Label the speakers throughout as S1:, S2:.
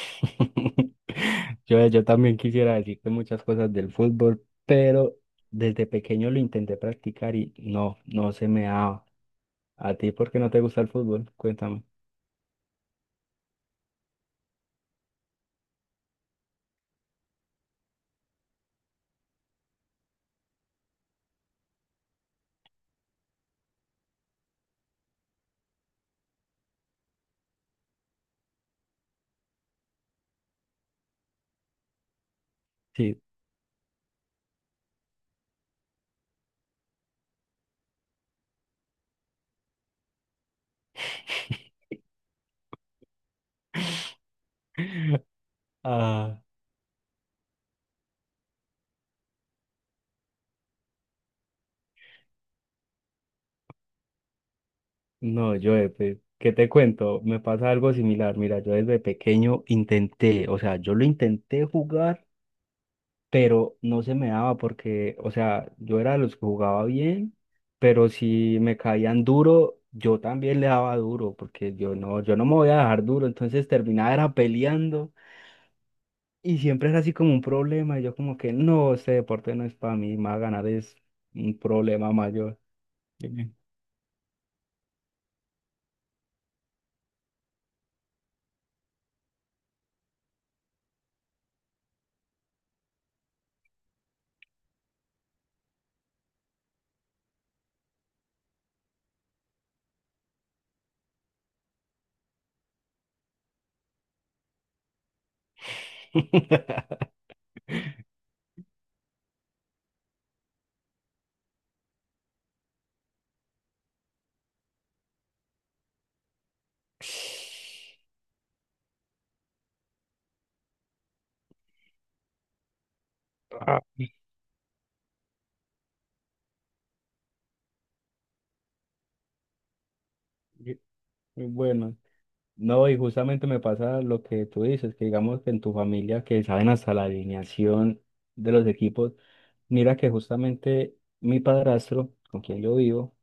S1: Yo también quisiera decirte muchas cosas del fútbol, pero desde pequeño lo intenté practicar y no se me daba. ¿A ti por qué no te gusta el fútbol? Cuéntame. Sí. Ah, no, yo, pues, ¿qué te cuento? Me pasa algo similar. Mira, yo desde pequeño intenté, o sea, yo lo intenté jugar pero no se me daba porque, o sea, yo era de los que jugaba bien, pero si me caían duro, yo también le daba duro, porque yo no me voy a dejar duro, entonces terminaba era peleando y siempre era así como un problema, y yo como que no, este deporte no es para mí, más ganar es un problema mayor. Sí. Ah, y- y bueno. No, y justamente me pasa lo que tú dices, que digamos que en tu familia que saben hasta la alineación de los equipos, mira que justamente mi padrastro, con quien yo vivo,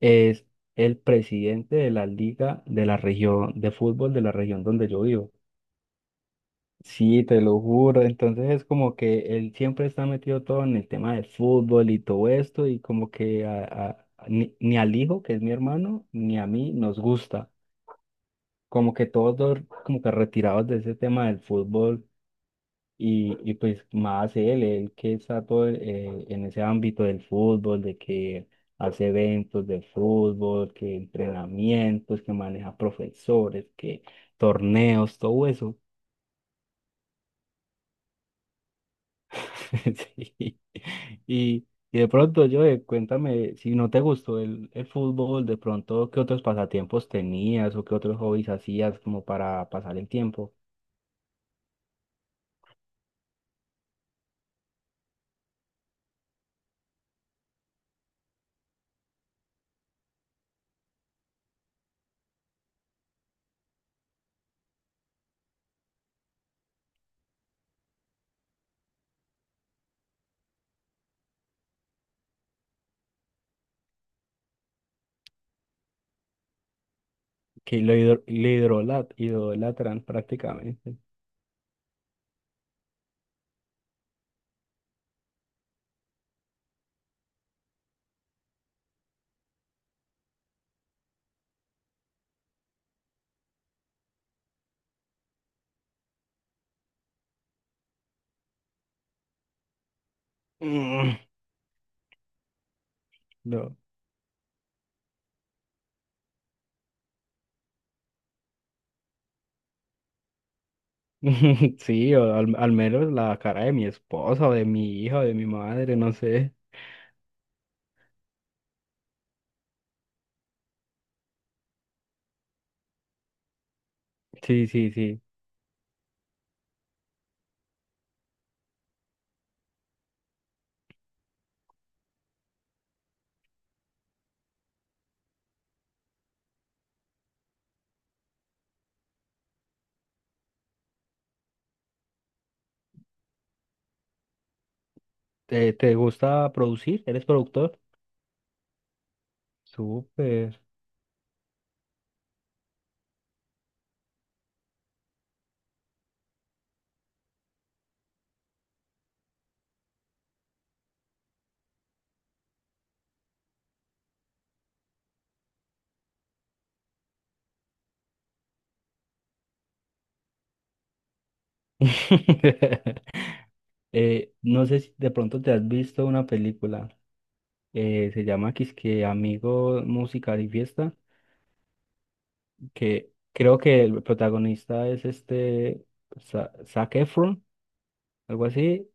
S1: es el presidente de la liga de la región de fútbol de la región donde yo vivo. Sí, te lo juro, entonces es como que él siempre está metido todo en el tema del fútbol y todo esto, y como que ni al hijo, que es mi hermano, ni a mí nos gusta. Como que todos dos como que retirados de ese tema del fútbol y pues más él, que está todo en ese ámbito del fútbol, de que hace eventos de fútbol, que entrenamientos, que maneja profesores, que torneos, todo eso. Sí. Y, y de pronto, yo cuéntame, si no te gustó el fútbol, de pronto, ¿qué otros pasatiempos tenías o qué otros hobbies hacías como para pasar el tiempo? Que lo, le hidrola idolatran prácticamente. Mm. No. Sí, o al, al menos la cara de mi esposa o de mi hija o de mi madre, no sé. Sí, sí, sí. ¿Te gusta producir? ¿Eres productor? Súper. No sé si de pronto te has visto una película, se llama Quisque Amigo, Música y Fiesta, que creo que el protagonista es este Zac Efron, algo así,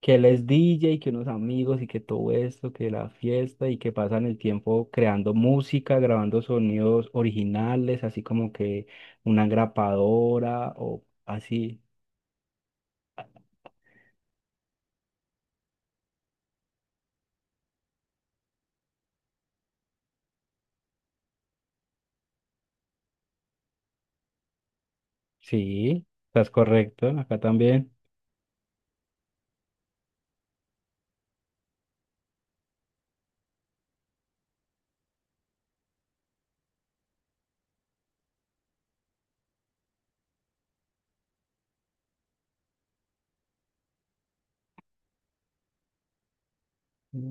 S1: que él es DJ, que unos amigos y que todo esto, que la fiesta y que pasan el tiempo creando música, grabando sonidos originales, así como que una grapadora o así. Sí, estás correcto, acá también. Mm.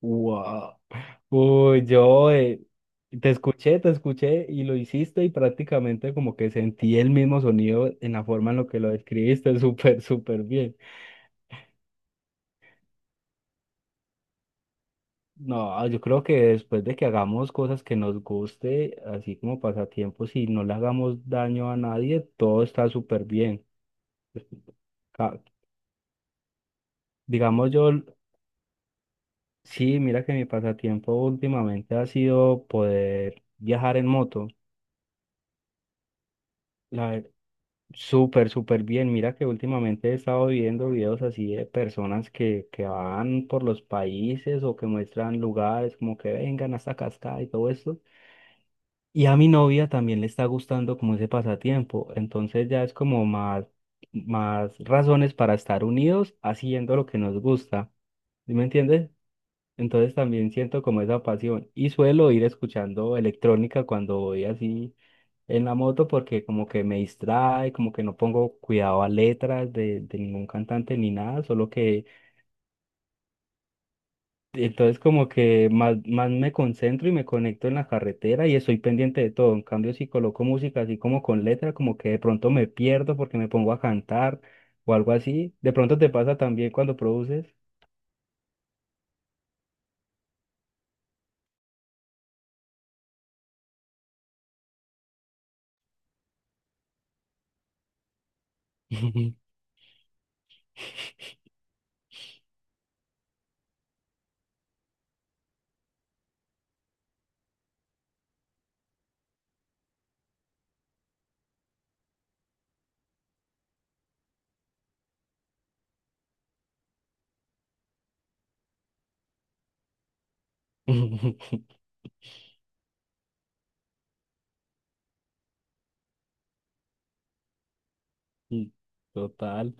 S1: Wow. Uy, yo te escuché y lo hiciste y prácticamente como que sentí el mismo sonido en la forma en lo que lo describiste, súper, súper bien. No, yo creo que después de que hagamos cosas que nos guste, así como pasatiempos, y no le hagamos daño a nadie, todo está súper bien. Ca- Digamos yo, sí, mira que mi pasatiempo últimamente ha sido poder viajar en moto. La ver- Súper, súper bien. Mira que últimamente he estado viendo videos así de personas que van por los países o que muestran lugares como que vengan hasta Cascada y todo esto. Y a mi novia también le está gustando como ese pasatiempo, entonces ya es como más, más razones para estar unidos haciendo lo que nos gusta, ¿sí me entiendes? Entonces también siento como esa pasión y suelo ir escuchando electrónica cuando voy así en la moto porque como que me distrae, como que no pongo cuidado a letras de ningún cantante ni nada, solo que entonces como que más, más me concentro y me conecto en la carretera y estoy pendiente de todo. En cambio, si coloco música así como con letra, como que de pronto me pierdo porque me pongo a cantar o algo así. De pronto te pasa también cuando produces. Y total,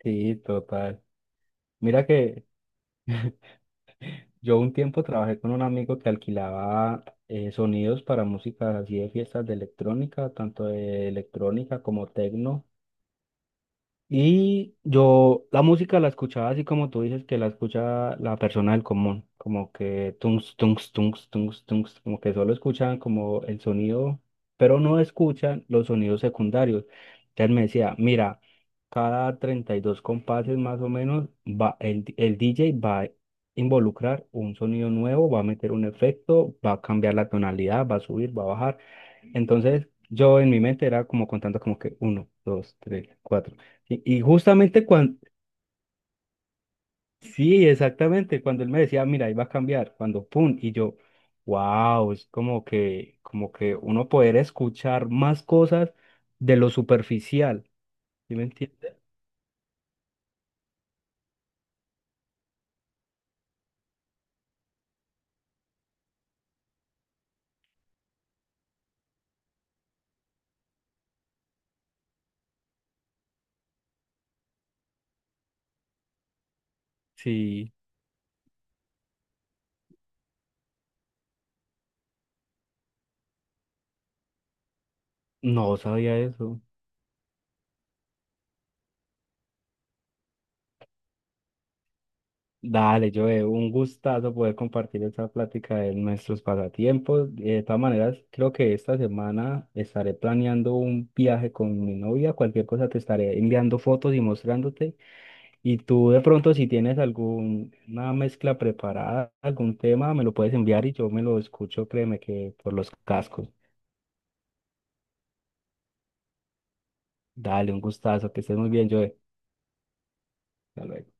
S1: sí, total. Mira que yo un tiempo trabajé con un amigo que alquilaba sonidos para música así de fiestas de electrónica, tanto de electrónica como tecno. Y yo la música la escuchaba así como tú dices que la escucha la persona del común, como que tungs, tungs, tungs, tungs, tungs, como que solo escuchan como el sonido, pero no escuchan los sonidos secundarios. Entonces me decía, mira, cada 32 compases más o menos va el, el DJ va a involucrar un sonido nuevo, va a meter un efecto, va a cambiar la tonalidad, va a subir, va a bajar. Entonces, yo en mi mente era como contando como que uno, dos, tres, cuatro. Y justamente cuando, sí, exactamente, cuando él me decía, mira, ahí va a cambiar, cuando pum, y yo, wow, es como que uno poder escuchar más cosas de lo superficial, ¿sí me entiendes? Sí, no sabía eso. Dale, Joe, un gustazo poder compartir esta plática de nuestros pasatiempos. De todas maneras, creo que esta semana estaré planeando un viaje con mi novia. Cualquier cosa te estaré enviando fotos y mostrándote. Y tú de pronto, si tienes alguna mezcla preparada, algún tema, me lo puedes enviar y yo me lo escucho, créeme que por los cascos. Dale, un gustazo, que estés muy bien, Joe. Hasta luego.